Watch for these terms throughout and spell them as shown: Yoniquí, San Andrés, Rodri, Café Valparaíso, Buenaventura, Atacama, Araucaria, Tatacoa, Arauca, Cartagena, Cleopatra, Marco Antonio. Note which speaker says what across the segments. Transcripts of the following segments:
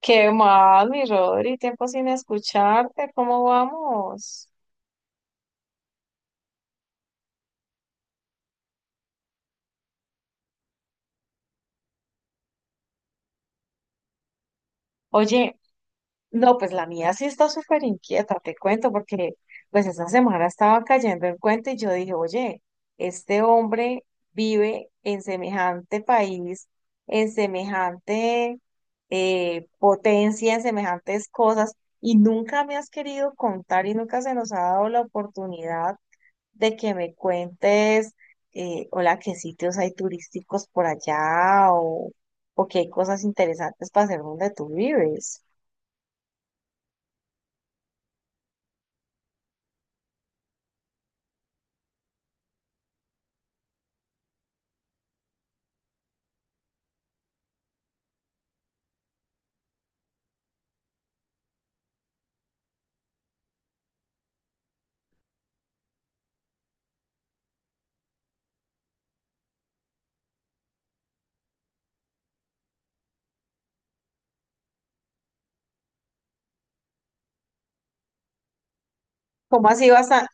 Speaker 1: ¿Qué más, mi Rodri? Tiempo sin escucharte, ¿cómo vamos? Oye, no, pues la mía sí está súper inquieta, te cuento, porque pues esta semana estaba cayendo en cuenta y yo dije, oye, este hombre vive en semejante país, en semejante potencia, en semejantes cosas, y nunca me has querido contar y nunca se nos ha dado la oportunidad de que me cuentes, hola, qué sitios hay turísticos por allá o qué hay cosas interesantes para hacer donde tú vives. ¿Cómo así basta-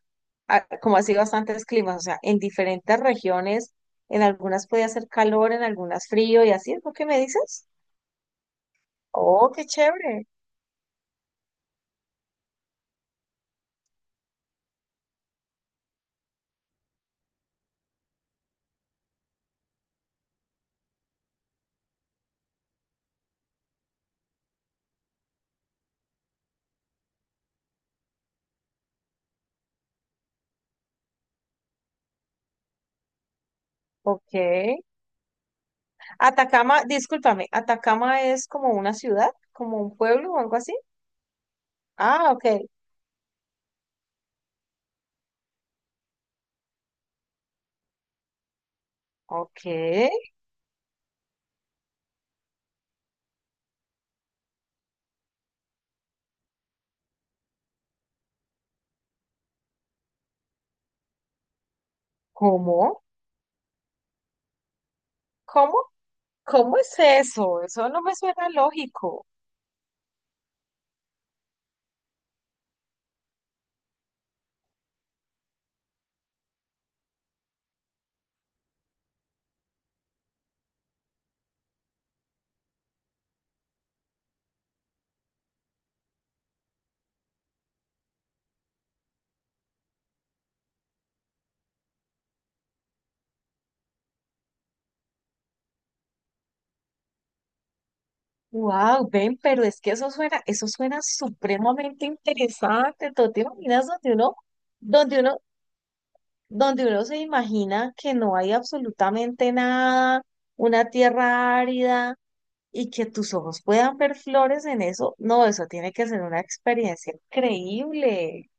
Speaker 1: ¿Cómo así bastantes climas? O sea, en diferentes regiones, en algunas puede hacer calor, en algunas frío y así es lo que me dices. Oh, qué chévere. Ok. Atacama, discúlpame, ¿Atacama es como una ciudad, como un pueblo o algo así? Ah, ok. Ok. ¿Cómo? ¿Cómo? ¿Cómo es eso? Eso no me suena lógico. Wow, ven, pero es que eso suena supremamente interesante. ¿Tú te imaginas donde uno, donde uno se imagina que no hay absolutamente nada, una tierra árida y que tus ojos puedan ver flores en eso? No, eso tiene que ser una experiencia increíble.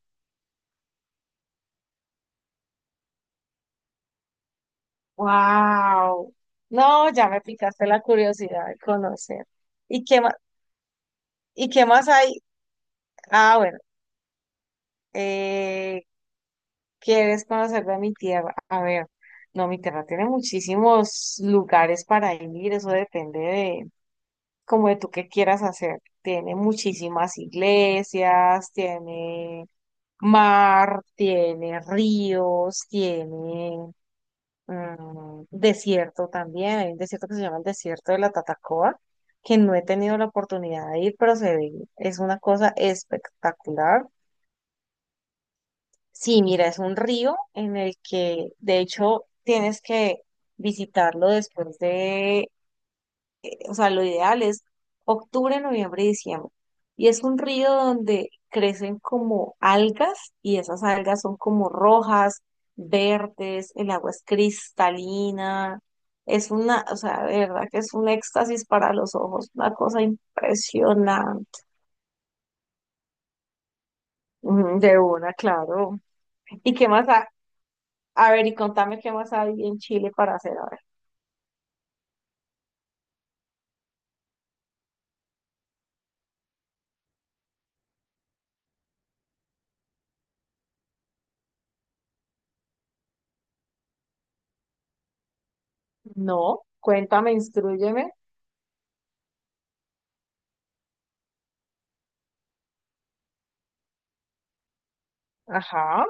Speaker 1: Wow. No, ya me picaste la curiosidad de conocer. ¿Y qué más, ¿y qué más hay? Ah, bueno. Eh, ¿Quieres conocer de mi tierra? A ver, no, mi tierra tiene muchísimos lugares para ir, eso depende de como de tú qué quieras hacer. Tiene muchísimas iglesias, tiene mar, tiene ríos, tiene desierto también. Hay un desierto que se llama el desierto de la Tatacoa, que no he tenido la oportunidad de ir, pero se ve, es una cosa espectacular. Sí, mira, es un río en el que de hecho tienes que visitarlo después de, o sea, lo ideal es octubre, noviembre y diciembre. Y es un río donde crecen como algas y esas algas son como rojas, verdes, el agua es cristalina. Es una, o sea, de verdad que es un éxtasis para los ojos, una cosa impresionante. Mm, de una, claro. ¿Y qué más? Ah, a ver, y contame qué más hay en Chile para hacer ahora. No, cuéntame, instrúyeme. Ajá.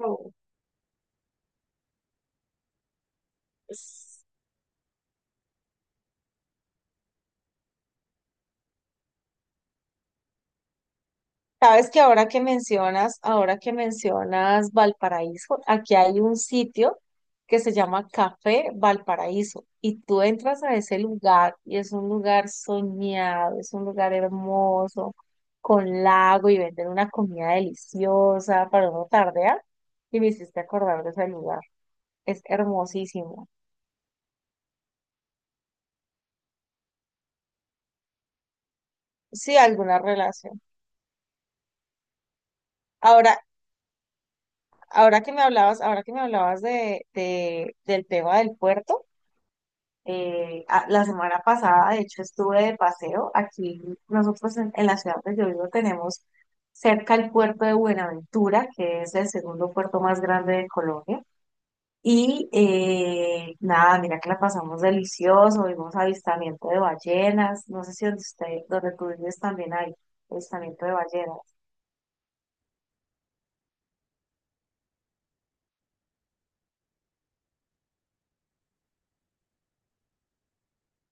Speaker 1: Oh, s- Sabes que ahora que mencionas Valparaíso, aquí hay un sitio que se llama Café Valparaíso y tú entras a ese lugar y es un lugar soñado, es un lugar hermoso, con lago y venden una comida deliciosa para uno tardear y me hiciste acordar de ese lugar. Es hermosísimo. Sí, alguna relación. Ahora, ahora que me hablabas, del tema del puerto, la semana pasada, de hecho, estuve de paseo. Aquí nosotros en la ciudad donde yo vivo tenemos cerca el puerto de Buenaventura, que es el segundo puerto más grande de Colombia. Y nada, mira que la pasamos delicioso, vimos avistamiento de ballenas, no sé si donde usted, donde tú vives también hay avistamiento de ballenas.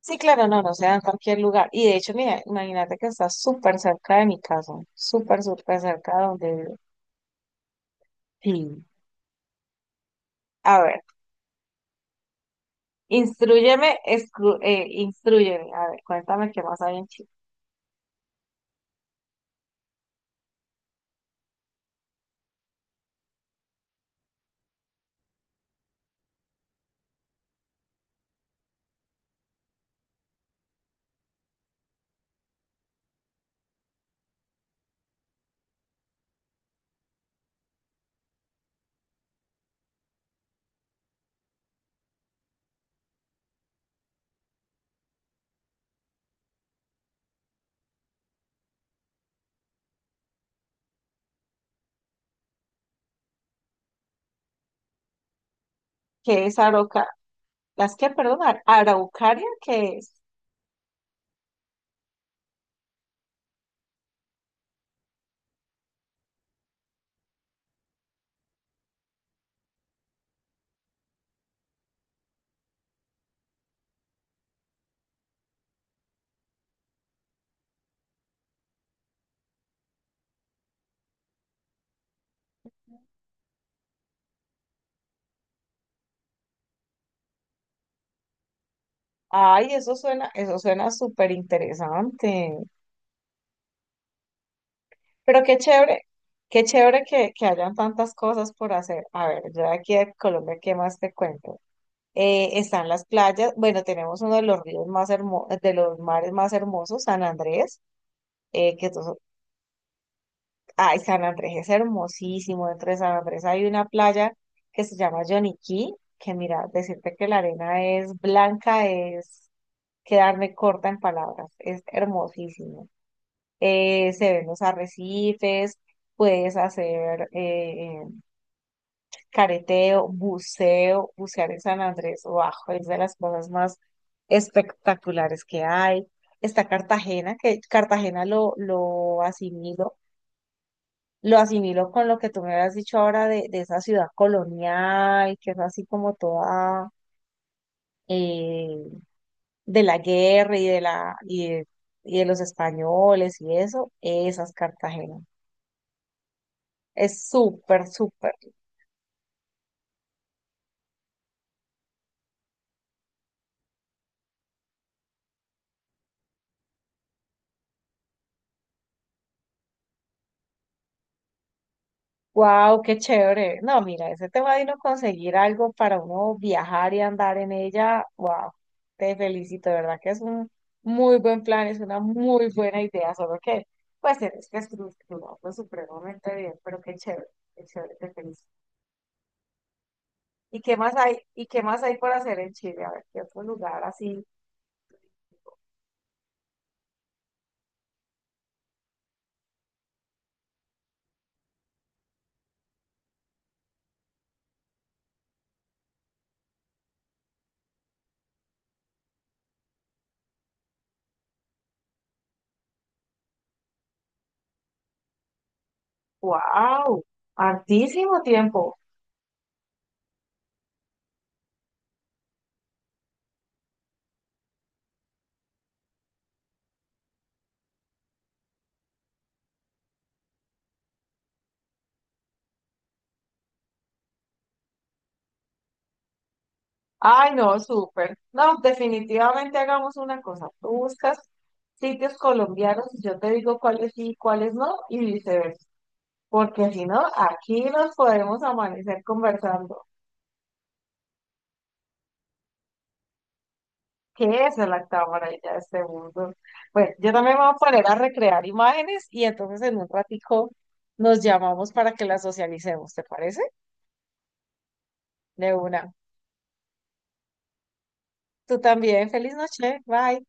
Speaker 1: Sí, claro, no, no se da en cualquier lugar. Y de hecho, mira, imagínate que está súper cerca de mi casa, súper, súper cerca de donde vivo. Sí. A ver, instrúyeme, a ver, cuéntame qué más hay en Chile. ¿Qué es Arauca? ¿Las que, perdón, Araucaria? ¿Qué es? Ay, eso suena súper interesante. Pero qué chévere que hayan tantas cosas por hacer. A ver, yo de aquí de Colombia, ¿qué más te cuento? Están las playas, bueno, tenemos uno de los ríos más hermosos, de los mares más hermosos, San Andrés, eh, que to- ay, San Andrés es hermosísimo, dentro de San Andrés hay una playa que se llama Yoniquí, que mira, decirte que la arena es blanca es quedarme corta en palabras, es hermosísimo. Se ven los arrecifes, puedes hacer careteo, buceo, bucear en San Andrés, bajo, es de las cosas más espectaculares que hay. Está Cartagena, que Cartagena lo asimilo con lo que tú me has dicho ahora de esa ciudad colonial, que es así como toda eh, de la guerra y de la y de los españoles y eso, esas Cartagena. Es súper, súper. Wow, qué chévere. No, mira, ese tema de uno conseguir algo para uno viajar y andar en ella, wow, te felicito, de verdad que es un muy buen plan, es una muy buena idea, solo que pues tienes que estructurarlo supremamente bien, pero qué chévere, te felicito. ¿Y qué más hay? ¿Y qué más hay por hacer en Chile? A ver, qué otro lugar así. Wow, hartísimo tiempo. Ay, no, súper. No, definitivamente hagamos una cosa. Tú buscas sitios colombianos y yo te digo cuáles sí y cuáles no y viceversa. Porque si no, aquí nos podemos amanecer conversando. ¿Qué es la maravilla de este mundo? Pues yo también me voy a poner a recrear imágenes y entonces en un ratico nos llamamos para que las socialicemos, ¿te parece? De una. Tú también. Feliz noche. Bye.